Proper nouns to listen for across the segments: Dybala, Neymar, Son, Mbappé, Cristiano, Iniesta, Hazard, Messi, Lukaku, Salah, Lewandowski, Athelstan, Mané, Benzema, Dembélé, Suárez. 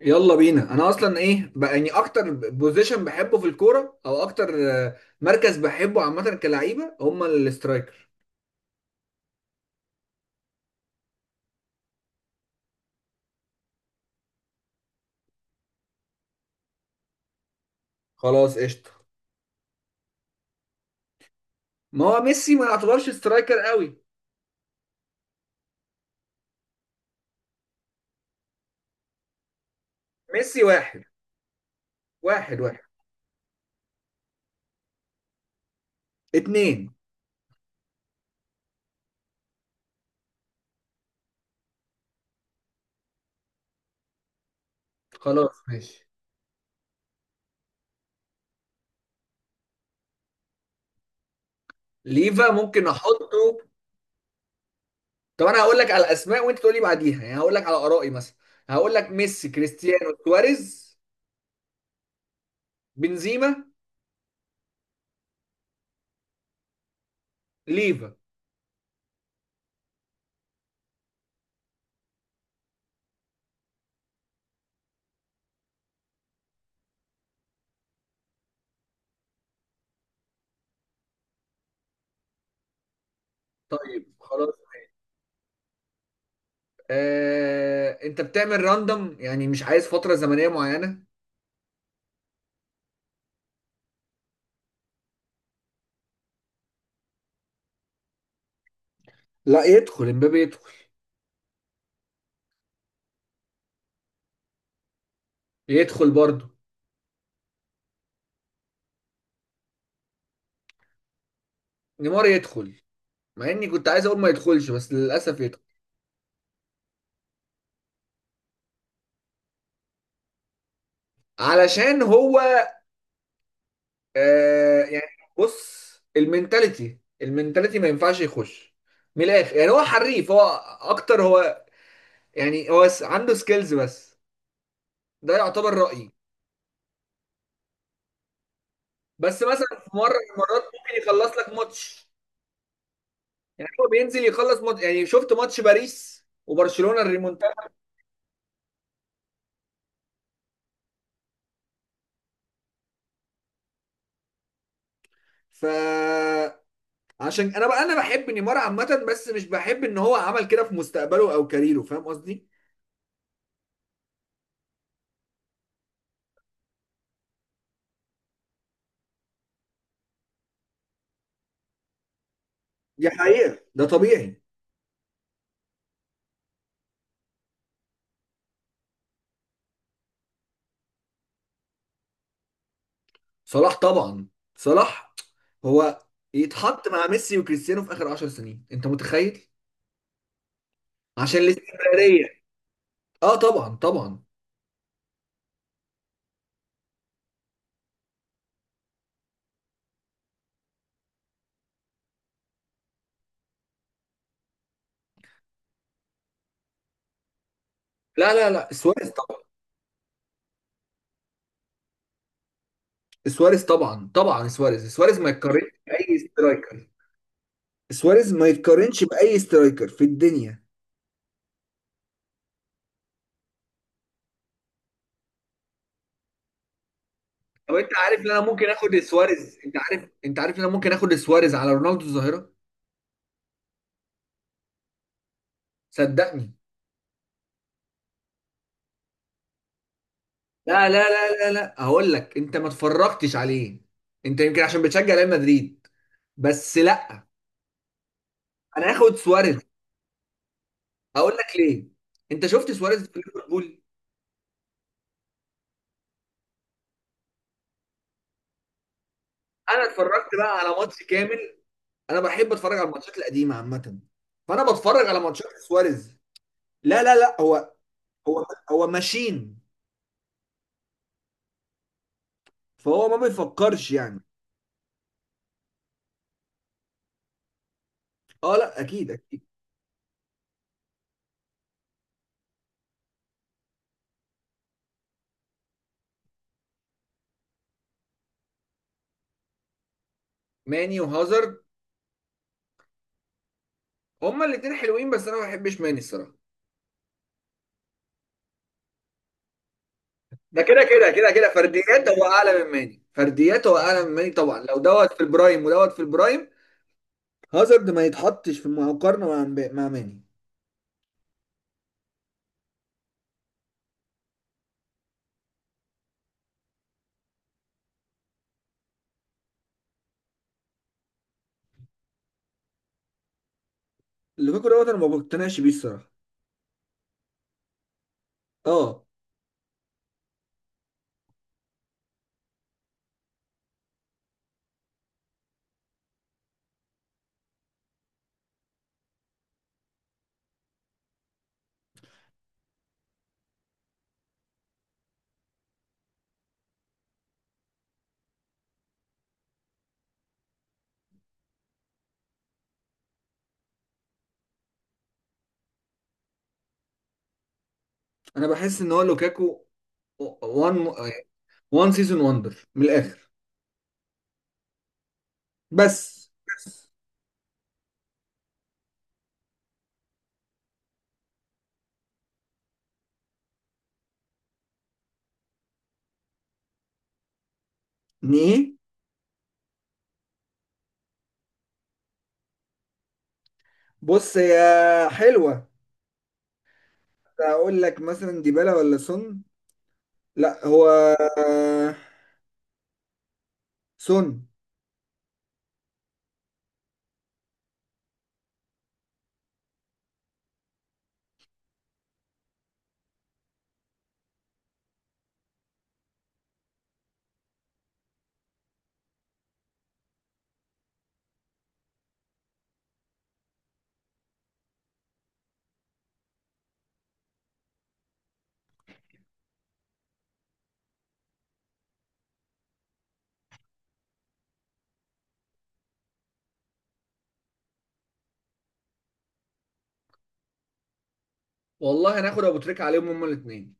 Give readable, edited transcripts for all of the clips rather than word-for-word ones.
يلا بينا. انا اصلا ايه بقى؟ يعني اكتر بوزيشن بحبه في الكوره، او اكتر مركز بحبه عامه كلعيبه، هما الاسترايكر. خلاص، قشطه. ما هو ميسي ما يعتبرش سترايكر قوي. ميسي واحد. واحد اتنين. خلاص ماشي. ليفا ممكن احطه. طب انا هقول لك على الاسماء وانت تقول لي بعديها، يعني هقول لك على ارائي مثلا. هقول لك ميسي، كريستيانو، سواريز، بنزيما، ليفا. طيب خلاص. انت بتعمل راندوم؟ يعني مش عايز فترة زمنية معينة؟ لا، يدخل، يدخل، امبابي يدخل. يدخل برضه. نيمار يدخل، مع اني كنت عايز اقول ما يدخلش، بس للاسف يدخل. علشان هو، آه يعني بص، المينتاليتي ما ينفعش يخش. من الاخر يعني، هو حريف، هو اكتر، هو يعني عنده سكيلز بس. ده يعتبر رأيي. بس مثلا في مره من المرات ممكن يخلص لك ماتش. يعني هو بينزل يخلص يعني شفت ماتش باريس وبرشلونة الريمونتادا. ف عشان انا بقى انا بحب نيمار عامة، بس مش بحب ان هو عمل كده في مستقبله او كاريره. فاهم قصدي؟ دي حقيقة، ده طبيعي. صلاح طبعا. صلاح، هو يتحط مع ميسي وكريستيانو في اخر 10 سنين، انت متخيل؟ عشان الاستمرارية. اه طبعا، طبعا. لا لا لا، سواريز طبعا. سواريز طبعا، طبعا. سواريز، سواريز ما يتقارنش باي سترايكر. سواريز ما يتقارنش باي سترايكر في الدنيا. طب انت عارف ان انا ممكن اخد سواريز؟ انت عارف، انت عارف ان انا ممكن اخد سواريز على رونالدو الظاهره؟ صدقني. لا لا لا لا لا، هقول لك. انت ما اتفرجتش عليه. انت يمكن عشان بتشجع ريال مدريد، بس لا. انا هاخد سواريز. هقول لك ليه. انت شفت سواريز في ليفربول؟ انا اتفرجت بقى على ماتش كامل. انا بحب اتفرج على الماتشات القديمه عامه. فانا بتفرج على ماتشات سواريز. لا لا لا، هو هو هو ماشين. فهو ما بيفكرش يعني. اه، لا اكيد اكيد. ماني وهازارد، هما الاتنين حلوين، بس انا ما بحبش ماني الصراحه. ده كده كده كده كده، فرديات هو اعلى من ماني، فرديات هو اعلى من ماني طبعا، لو دوت في البرايم ودوت في البرايم. هازارد ما يتحطش في المقارنه مع ماني. لوكاكو دوت، انا ما بقتنعش بيه الصراحه. اه. انا بحس ان هو لوكاكو وان وان سيزون وندر من الاخر. بس بس. ايه؟ بص يا حلوه، اقول لك مثلا ديبالا ولا سون؟ لا، هو سون. والله هناخد ابو تريكه عليهم هما الاثنين.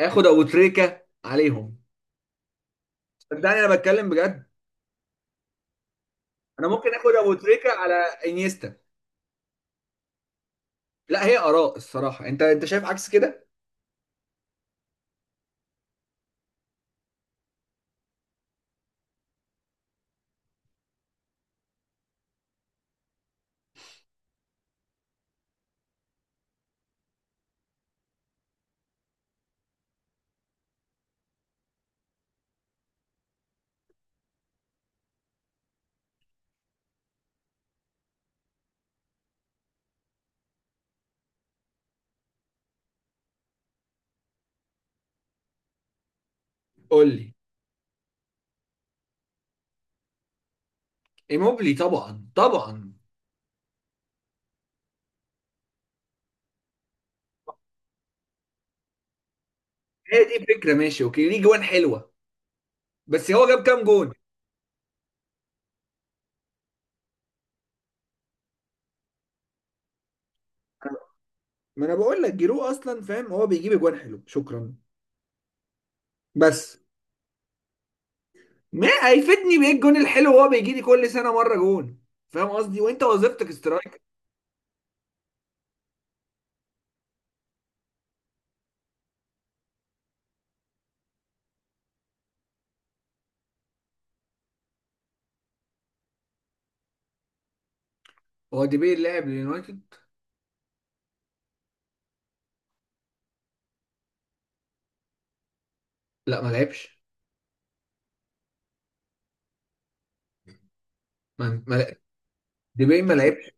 اخد ابو تريكه عليهم. صدقني انا بتكلم بجد. انا ممكن اخد ابو تريكه على انيستا. لا، هي اراء الصراحه. انت، انت شايف عكس كده؟ قول لي. ايموبلي طبعا طبعا. هي دي فكره، ماشي اوكي، ليه جوان حلوه، بس هو جاب كام جون؟ ما انا بقول لك جيرو اصلا، فاهم، هو بيجيب اجوان حلو، شكرا، بس. ما هيفيدني بايه الجون الحلو وهو بيجي لي كل سنه مره جون؟ فاهم قصدي؟ وانت وظيفتك سترايك. هو ديبي لعب لليونايتد؟ لا، ما لعبش. ما ما لع- ديبي ما لعبش.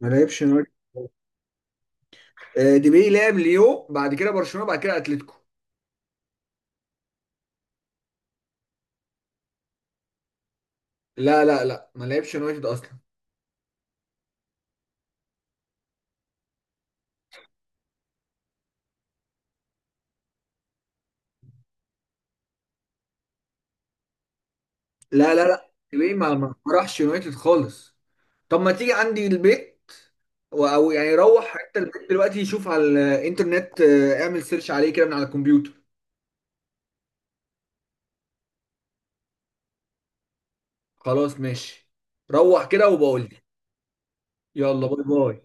ما لعبش يونايتد. ديبي لعب ليو، بعد كده برشلونه، بعد كده اتلتيكو. لا لا لا، ما لعبش يونايتد اصلا. لا لا لا، ديبي ما راحش يونايتد خالص. طب ما تيجي عندي البيت، او يعني روح حتى البيت دلوقتي، يشوف على الانترنت، اعمل سيرش عليه كده من على الكمبيوتر. خلاص ماشي. روح كده وبقول لي. يلا، باي باي.